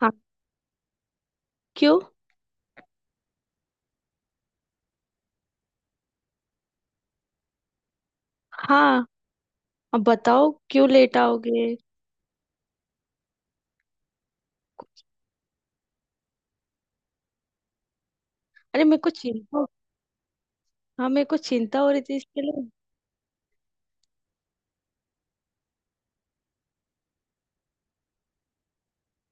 हाँ। क्यों? हाँ। अब बताओ क्यों लेट आओगे? अरे मेरे को चिंता। हाँ मेरे को चिंता हो रही थी इसके लिए।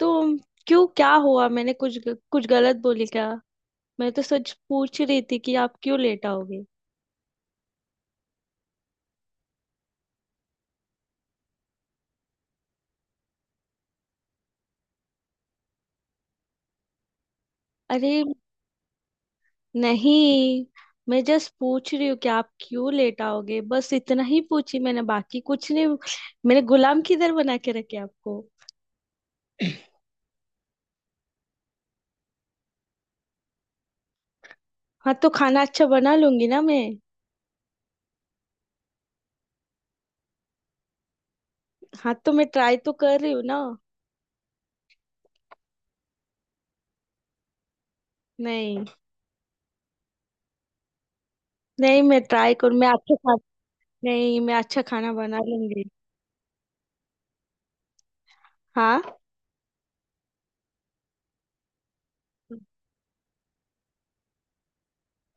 तो क्यों क्या हुआ? मैंने कुछ गलत बोली क्या? मैं तो सच पूछ रही थी कि आप क्यों लेट आओगे। अरे नहीं, मैं जस्ट पूछ रही हूँ कि आप क्यों लेट आओगे, बस इतना ही पूछी मैंने, बाकी कुछ नहीं। मैंने गुलाम किधर बना के रखे आपको? हाँ तो खाना अच्छा बना लूंगी ना मैं। हाँ तो मैं ट्राई तो कर रही हूँ ना। नहीं नहीं मैं ट्राई करूँ मैं अच्छा खा नहीं मैं अच्छा खाना बना लूंगी। हाँ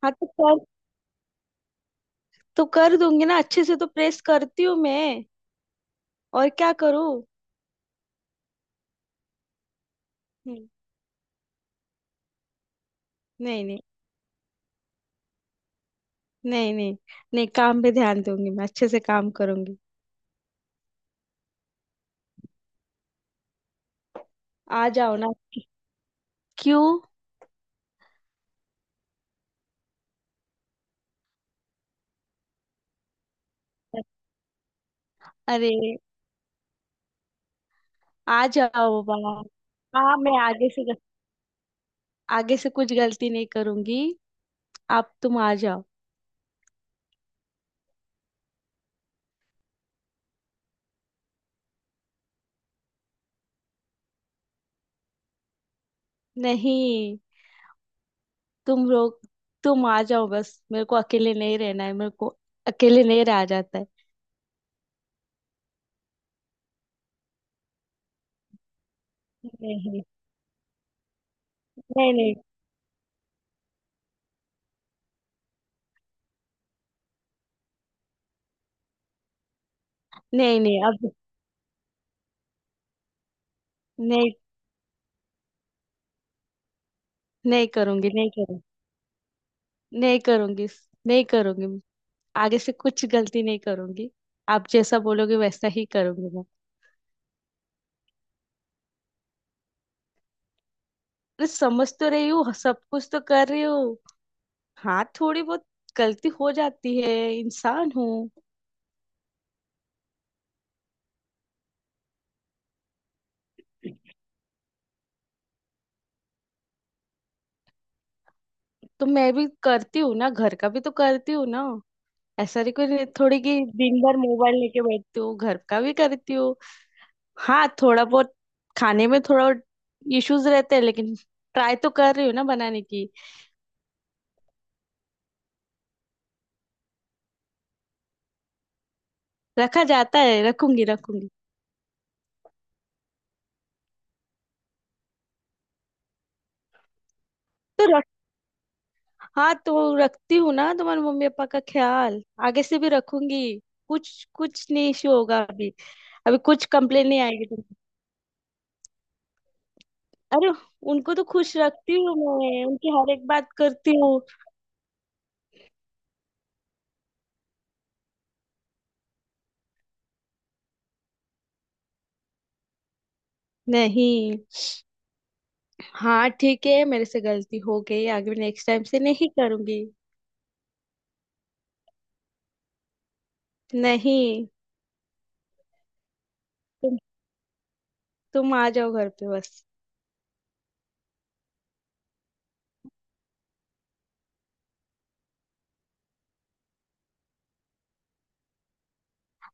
हाँ तो कर दूंगी ना, अच्छे से तो प्रेस करती हूँ मैं। और क्या करूँ? हम्म, नहीं नहीं नहीं नहीं नहीं, काम पे ध्यान दूंगी मैं, अच्छे से काम करूंगी। आ जाओ ना। क्यों? अरे आ जाओ बाबा। हाँ मैं आगे से, आगे से कुछ गलती नहीं करूंगी। आप तुम आ जाओ। नहीं, तुम लोग तुम आ जाओ बस, मेरे को अकेले नहीं रहना है, मेरे को अकेले नहीं रहा जाता है। नहीं नहीं नहीं नहीं नहीं, अब नहीं नहीं करूंगी, नहीं करूंगी नहीं करूंगी नहीं करूंगी। आगे से कुछ गलती नहीं करूंगी। आप जैसा बोलोगे वैसा ही करूंगी मैं। अरे समझ तो रही हूँ, सब कुछ तो कर रही हूँ। हाँ थोड़ी बहुत गलती हो जाती है, इंसान हूँ। तो मैं भी करती हूँ ना, घर का भी तो करती हूँ ना। ऐसा नहीं, कोई नहीं- थोड़ी कि दिन भर मोबाइल लेके बैठती हूँ, घर का भी करती हूँ। हाँ थोड़ा बहुत, खाने में थोड़ा इश्यूज रहते हैं, लेकिन ट्राई तो कर रही हूँ ना बनाने की। रखा जाता है, रखूंगी रखूंगी। तो रख हाँ तो रखती हूँ ना तुम्हारे मम्मी पापा का ख्याल, आगे से भी रखूंगी। कुछ कुछ नहीं इश्यू होगा अभी। अभी कुछ कंप्लेन नहीं आएगी तुमको। अरे उनको तो खुश रखती हूँ मैं, उनकी हर एक बात करती हूँ। नहीं, हाँ ठीक है, मेरे से गलती हो गई, आगे नेक्स्ट टाइम से नहीं करूंगी। नहीं, तुम तुम आ जाओ घर पे बस।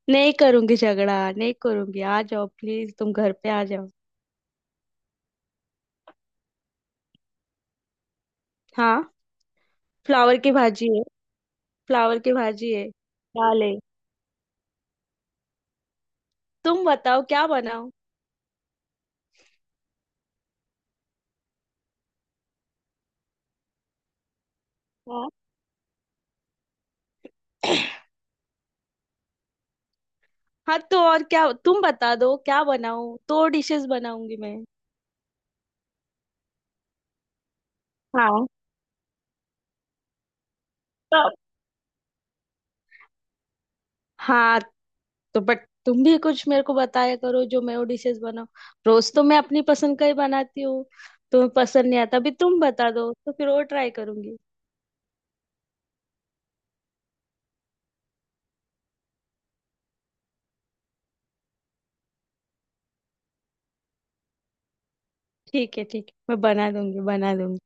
नहीं करूंगी झगड़ा नहीं करूंगी, आ जाओ प्लीज तुम घर पे आ जाओ। हाँ। फ्लावर की भाजी है। फ्लावर की भाजी है। दाल है, तुम बताओ क्या बनाऊं। हाँ, हाँ तो और क्या तुम बता दो क्या बनाऊं, दो डिशेस बनाऊंगी मैं। हाँ तो, हाँ तो बट तुम भी कुछ मेरे को बताया करो जो मैं वो डिशेस बनाऊं। रोज तो मैं अपनी पसंद का ही बनाती हूँ। तुम्हें पसंद नहीं आता, अभी तुम बता दो तो फिर वो ट्राई करूंगी। ठीक है ठीक है, मैं बना दूंगी बना दूंगी।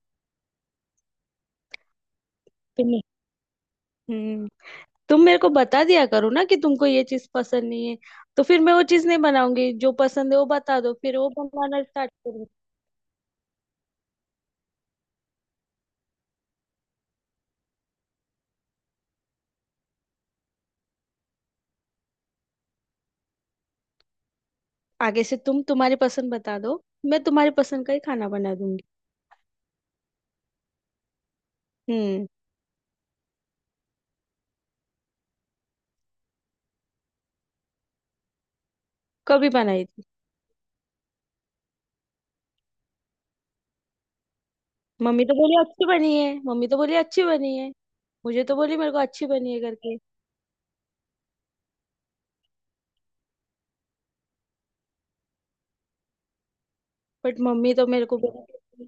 तुम हम्म तुम मेरे को बता दिया करो ना कि तुमको ये चीज पसंद नहीं है, तो फिर मैं वो चीज नहीं बनाऊंगी, जो पसंद है वो बता दो फिर वो बनाना स्टार्ट करूंगी। आगे से तुम तुम्हारी पसंद बता दो, मैं तुम्हारी पसंद का ही खाना बना दूंगी। हम्म कभी बनाई। मम्मी तो बोली अच्छी बनी है। मम्मी तो बोली अच्छी बनी है। मुझे तो बोली, मेरे को अच्छी बनी है करके। बट मम्मी तो मेरे को बोली।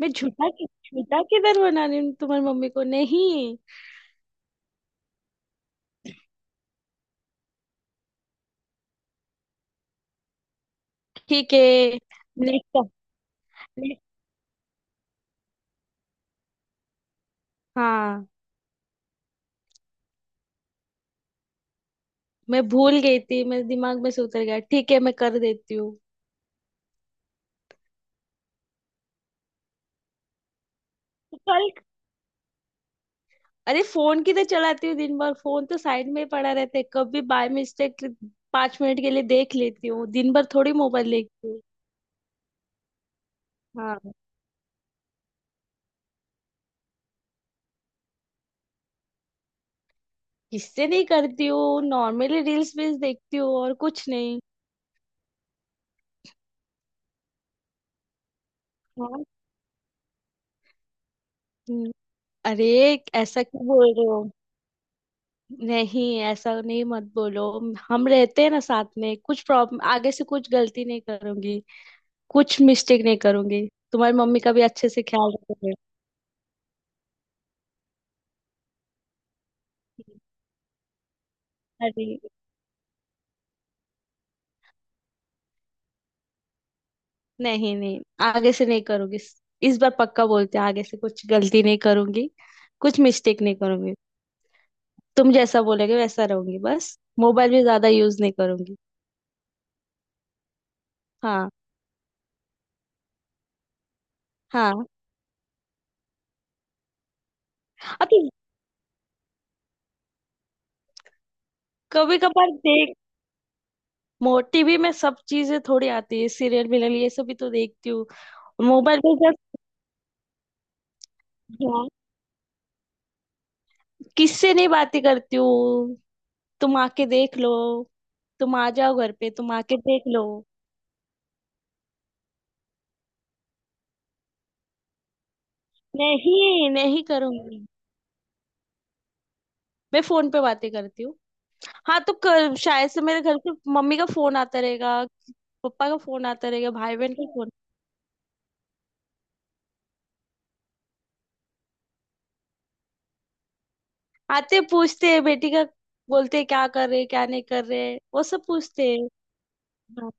मैं झूठा किधर बना रही हूँ तुम्हारी मम्मी को? नहीं। ठीक है। नेक्स्ट। हाँ मैं भूल गई थी, मेरे दिमाग में से उतर गया, ठीक है मैं कर देती हूँ। तो कल अरे फोन किधर चलाती हूँ दिन भर? फोन तो साइड में ही पड़ा रहता है, कभी बाय मिस्टेक पांच मिनट के लिए देख लेती हूँ, दिन भर थोड़ी मोबाइल देखती हूँ। हाँ। किससे नहीं करती हूँ, नॉर्मली रील्स वील्स देखती हूँ और कुछ नहीं। हाँ। हम्म, अरे ऐसा क्यों बोल रहे हो? नहीं ऐसा नहीं मत बोलो। हम रहते हैं ना साथ में, कुछ प्रॉब्लम, आगे से कुछ गलती नहीं करूंगी, कुछ मिस्टेक नहीं करूंगी। तुम्हारी मम्मी का भी अच्छे से ख्याल रखोगे। अरे नहीं नहीं, आगे से नहीं करूंगी, इस बार पक्का बोलते हैं, आगे से कुछ गलती नहीं करूंगी, कुछ मिस्टेक नहीं करूंगी। तुम जैसा बोलोगे वैसा रहूंगी, बस मोबाइल भी ज्यादा यूज नहीं करूंगी। हाँ। हाँ। अभी कभी कभार देख मोटी भी मैं, सब चीजें थोड़ी आती है, सीरियल मिलन ये सब भी तो देखती हूँ। मोबाइल पे जब हाँ, किससे नहीं बातें करती हूँ, तुम आके देख लो, तुम आ जाओ घर पे, तुम आके देख लो। नहीं नहीं करूंगी। मैं फोन पे बातें करती हूँ। हाँ तो कर, शायद से मेरे घर से मम्मी का फोन आता रहेगा, पापा का फोन आता रहेगा, भाई बहन का फोन आते, पूछते हैं बेटी का, बोलते हैं क्या कर रहे क्या नहीं कर रहे, वो सब पूछते हैं। हाँ।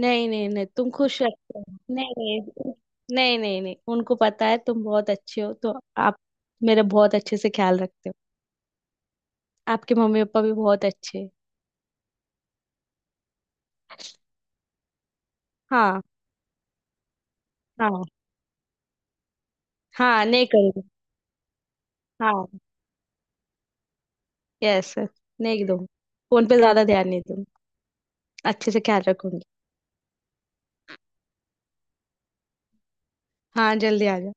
नहीं नहीं नहीं, तुम खुश रखते हो। नहीं नहीं नहीं नहीं नहीं, उनको पता है तुम बहुत अच्छे हो, तो आप मेरा बहुत अच्छे से ख्याल रखते हो, आपके मम्मी पापा भी बहुत अच्छे हैं। हाँ। हाँ। हाँ नहीं करूंगी। हाँ। यस। नहीं दूंगी, फोन पे ज्यादा ध्यान नहीं दूंगी, अच्छे से ख्याल रखूंगी। हाँ जल्दी आ जाओ।